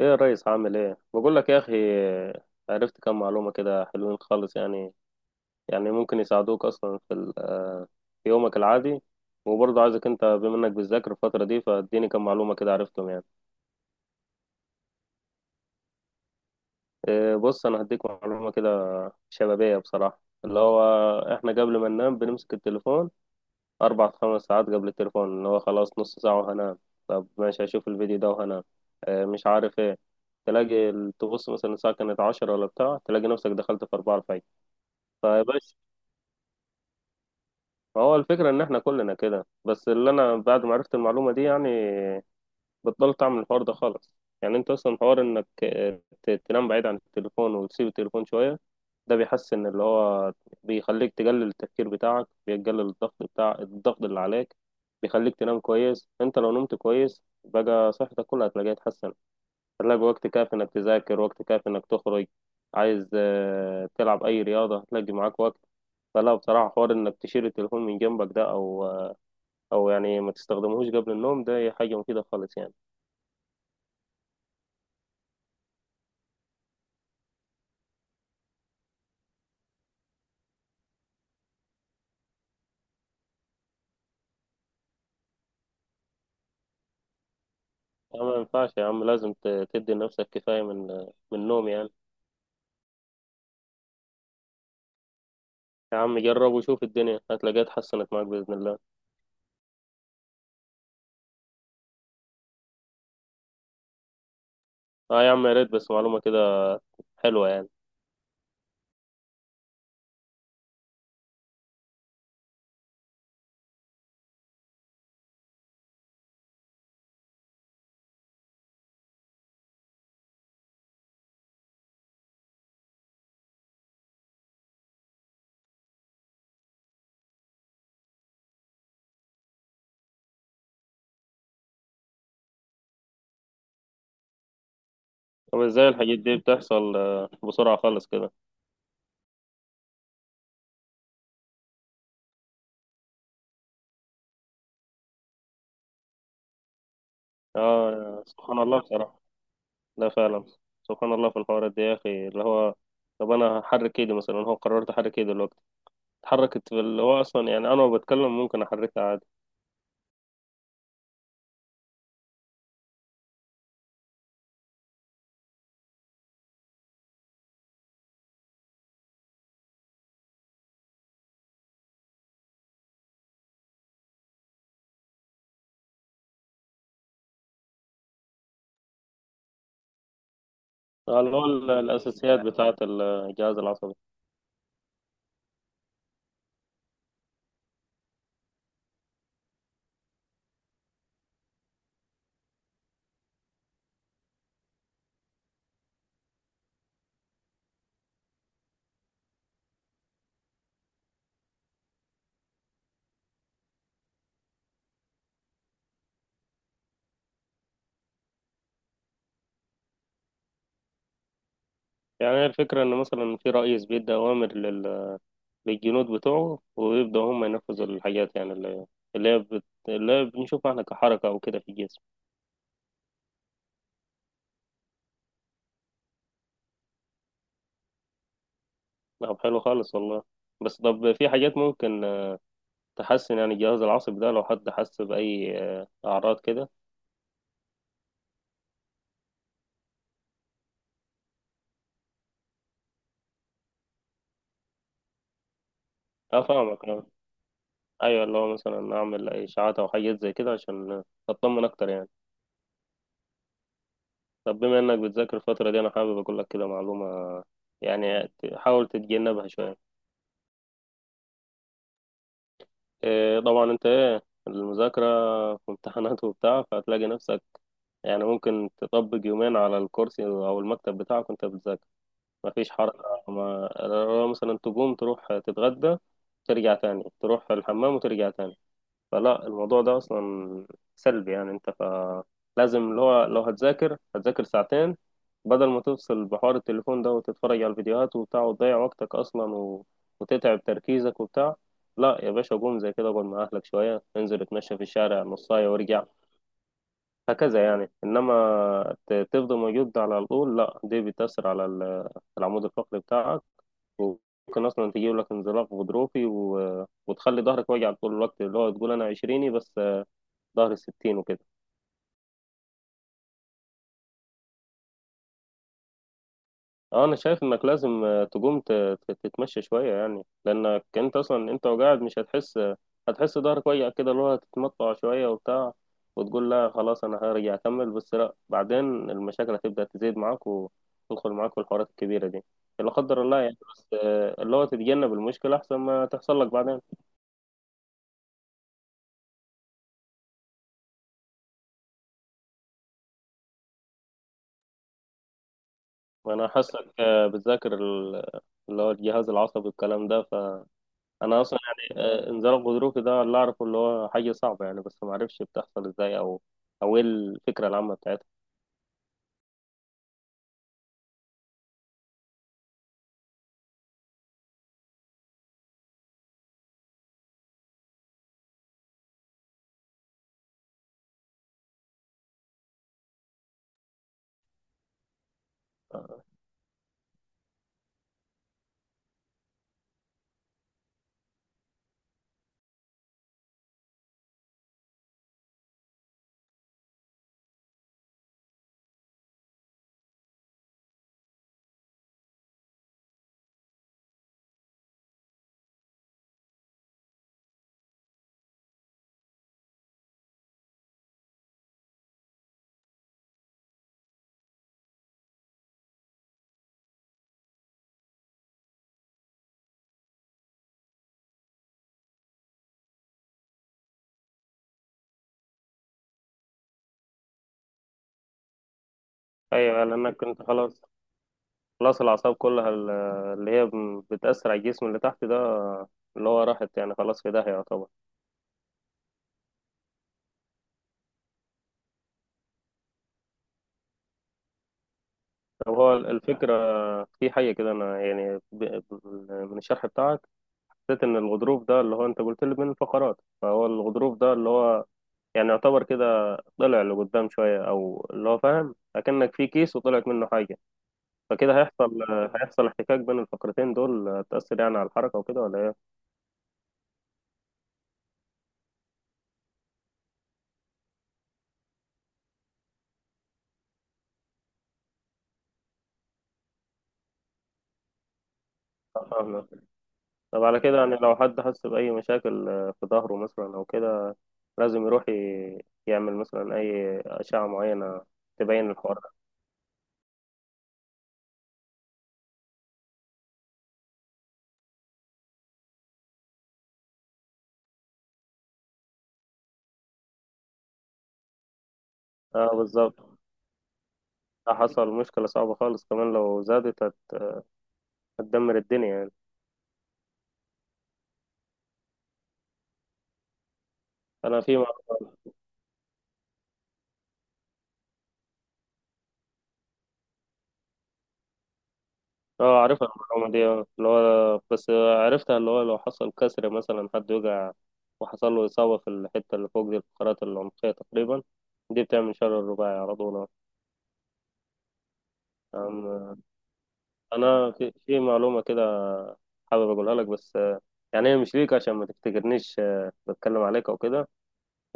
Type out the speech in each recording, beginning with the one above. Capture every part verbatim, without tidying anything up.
ايه يا ريس، عامل ايه؟ بقول لك يا اخي، عرفت كم معلومة كده، حلوين خالص يعني. يعني ممكن يساعدوك اصلا في ال- آه، في يومك العادي. وبرضه عايزك انت بما انك بتذاكر الفترة دي، فاديني كم معلومة كده عرفتهم يعني. إيه، بص انا هديك معلومة كده شبابية بصراحة، اللي هو احنا قبل ما ننام بنمسك التليفون اربع خمس ساعات. قبل التليفون اللي هو خلاص نص ساعة وهنام، طب ماشي هشوف الفيديو ده وهنام، إيه، مش عارف ايه، تلاقي ال- تبص مثلا الساعة كانت عشرة ولا بتاع، تلاقي نفسك دخلت في أربعة. طيب بس، هو الفكرة إن إحنا كلنا كده، بس اللي أنا بعد ما عرفت المعلومة دي يعني بطلت أعمل الحوار ده خالص. يعني أنت أصلا حوار إنك آه، ت- تنام بعيد عن التليفون وتسيب التليفون شوية، ده بيحسن اللي هو، بيخليك تقلل التفكير بتاعك، بيقلل الضغط بتاع الضغط اللي عليك، بيخليك تنام كويس. أنت لو نمت كويس بقى، صحتك كلها هتلاقيها اتحسنت، هتلاقي وقت كافي انك تذاكر، وقت كافي انك تخرج، عايز آه، تلعب اي رياضة هتلاقي معاك وقت. فلا بصراحة، حوار انك تشيل التليفون من جنبك ده، او آه، او يعني ما تستخدمهوش قبل النوم، ده هي حاجة مفيدة خالص يعني. أنا ما ينفعش يا عم، لازم ت- تدي لنفسك كفاية من آه، من النوم يعني. يا عم جرب وشوف، الدنيا هتلاقيها اتحسنت معاك بإذن الله. اه يا عم يا ريت، بس معلومة كده حلوة يعني. طب ازاي الحاجات دي بتحصل آه، بسرعة خالص كده؟ اه سبحان الله بصراحة. لا فعلا، سبحان الله في الحوارات دي يا اخي، اللي هو طب انا هحرك ايدي مثلا، هو قررت احرك ايدي دلوقتي اتحركت، في اللي هو اصلا يعني انا وبتكلم ممكن احركها عادي. آه، اللي هو ال- الاساسيات بتاعه الجهاز العصبي. يعني هي الفكره ان مثلا في رئيس بيدي اوامر لل- للجنود بتوعه، ويبداوا هم ينفذوا الحاجات يعني اللي اللي هي بت... اللي هي بنشوفها احنا كحركه او كده في الجسم. طب حلو خالص والله. بس طب في حاجات ممكن تحسن يعني الجهاز العصبي ده، لو حد حس باي آه، اعراض كده؟ اه فاهمك. ايوه، اللي هو مثلا اعمل اشاعات او حاجات زي كده عشان اطمن اكتر يعني. طب بما انك بتذاكر الفتره دي، انا حابب اقول لك كده معلومه يعني، ت- حاول تتجنبها شويه. إيه طبعا انت ايه المذاكره، في امتحانات وبتاع فهتلاقي نفسك يعني ممكن تطبق يومين على الكرسي او المكتب بتاعك وانت بتذاكر، مفيش حركه. ما لو مثلا تقوم تروح تتغدى، ترجع تاني تروح الحمام وترجع تاني، فلا الموضوع ده اصلا سلبي يعني انت، فلازم اللي هو لو هتذاكر هتذاكر ساعتين، بدل ما تفصل بحوار التليفون ده وتتفرج على الفيديوهات وبتاع وتضيع وقتك اصلا و... وتتعب تركيزك وبتاع. لا يا باشا، قوم زي كده، اقعد مع اهلك شويه، انزل اتمشى في الشارع نص ساعه وارجع، هكذا يعني. انما ت- تفضل موجود على طول، لا دي بتاثر على ال- العمود الفقري بتاعك، وممكن اصلا تجيب لك انزلاق غضروفي و... وتخلي ظهرك واجع طول الوقت، اللي هو تقول انا عشريني بس ظهر الستين وكده. اه انا شايف انك لازم آه، تقوم ت- ت- تتمشى شوية يعني، لانك انت اصلا انت وقاعد مش هتحس، هتحس ظهرك وجع كده اللي هو، هتتمطع شوية وبتاع وتقول لا خلاص انا هرجع اكمل، بس لا بعدين المشاكل هتبدأ تزيد معاك وتدخل معاك في الحوارات الكبيرة دي. لا قدر الله يعني، بس آه، اللي هو تتجنب المشكلة احسن ما تحصل لك بعدين. وانا حاسك آه، بتذاكر ال- اللي هو الجهاز العصبي والكلام ده. انا اصلا يعني آه، انزال الغضروفي ده اللي اعرفه اللي هو حاجه صعبه يعني، بس ما اعرفش بتحصل ازاي او او ايه الفكره العامه بتاعتها. ايوه، لانك انت خلاص خلاص الاعصاب كلها ال- اللي هي بتاثر على الجسم اللي تحت ده، اللي هو راحت يعني خلاص في داهيه يعتبر. طب هو الفكره في حاجه كده، انا يعني ب- ب- من الشرح بتاعك حسيت ان الغضروف ده اللي هو انت قلت لي من الفقرات، فهو الغضروف ده اللي هو يعني يعتبر كده طلع لقدام شويه، او اللي هو فاهم اكنك في كيس وطلعت منه حاجه. فكده هيحصل هيحصل احتكاك بين الفقرتين دول، تأثر يعني على الحركة وكده، ولا ايه؟ آه، فاهمك. طب على كده يعني، لو حد حس بأي مشاكل آه، في ظهره مثلا أو كده، لازم يروح ي- يعمل مثلا أي أشعة معينة تبين الحوار ده. اه بالظبط، ده حصل مشكلة صعبة خالص، كمان لو زادت هت- هتدمر الدنيا يعني. أنا في اه، عارفها المعلومة دي، اه اللي هو بس عرفتها، اللي هو لو حصل كسر مثلا حد وقع وحصل له إصابة في الحتة اللي فوق دي الفقرات العنقية تقريبا، دي بتعمل شلل رباعي على طول اه. أم- أنا في في معلومة كده حابب أقولها لك بس آه، يعني هي مش ليك عشان ما تفتكرنيش آه، بتكلم عليك أو كده،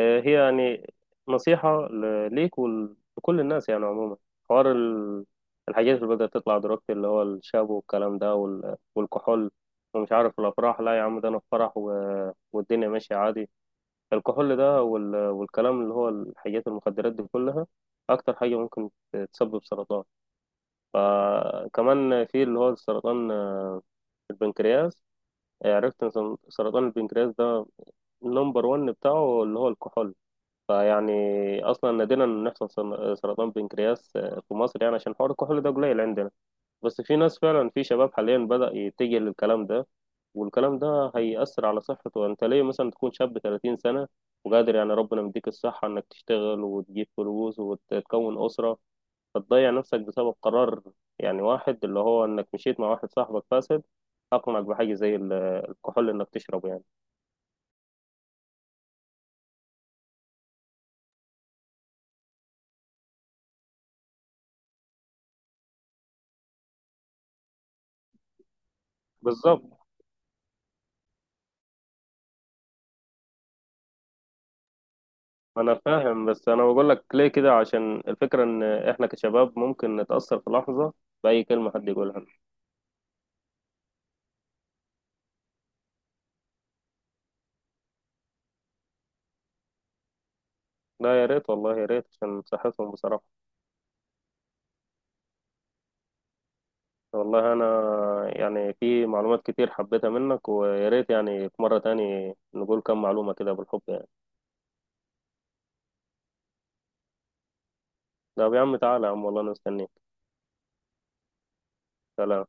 آه، هي يعني نصيحة ل- ليك ولكل الناس يعني عموما. حوار ال- الحاجات اللي بدأت تطلع دلوقتي اللي هو الشابو والكلام ده، وال- والكحول، ومش عارف الأفراح، لا يا عم ده أنا في فرح و- والدنيا ماشية عادي. الكحول ده وال- والكلام، اللي هو الحاجات المخدرات دي كلها، أكتر حاجة ممكن تسبب سرطان. فكمان في اللي هو سرطان البنكرياس، عرفت إن سرطان البنكرياس ده النمبر ون بتاعه اللي هو الكحول. فيعني اصلا نادرا ان يحصل سر- سرطان بنكرياس آه، في مصر يعني عشان حوار الكحول ده قليل عندنا. بس في ناس فعلا، في شباب حاليا بدأ يتجه للكلام ده، والكلام ده هيأثر على صحته. انت ليه مثلا تكون شاب 30 سنة وقادر، يعني ربنا مديك الصحة انك تشتغل وتجيب فلوس وتكون أسرة، فتضيع نفسك بسبب قرار يعني، واحد اللي هو انك مشيت مع واحد صاحبك فاسد اقنعك بحاجة زي ال- الكحول انك تشربه يعني. بالظبط. ما انا فاهم بس انا بقول لك ليه كده عشان الفكره ان احنا كشباب ممكن نتاثر في لحظه باي كلمه حد يقولها. لا يا ريت والله، يا ريت عشان صحتهم بصراحه. والله انا يعني في معلومات كتير حبيتها منك، ويا ريت يعني في مره تاني نقول كم معلومه كده بالحب يعني. طب يا عم تعالى يا عم، والله انا مستنيك. سلام.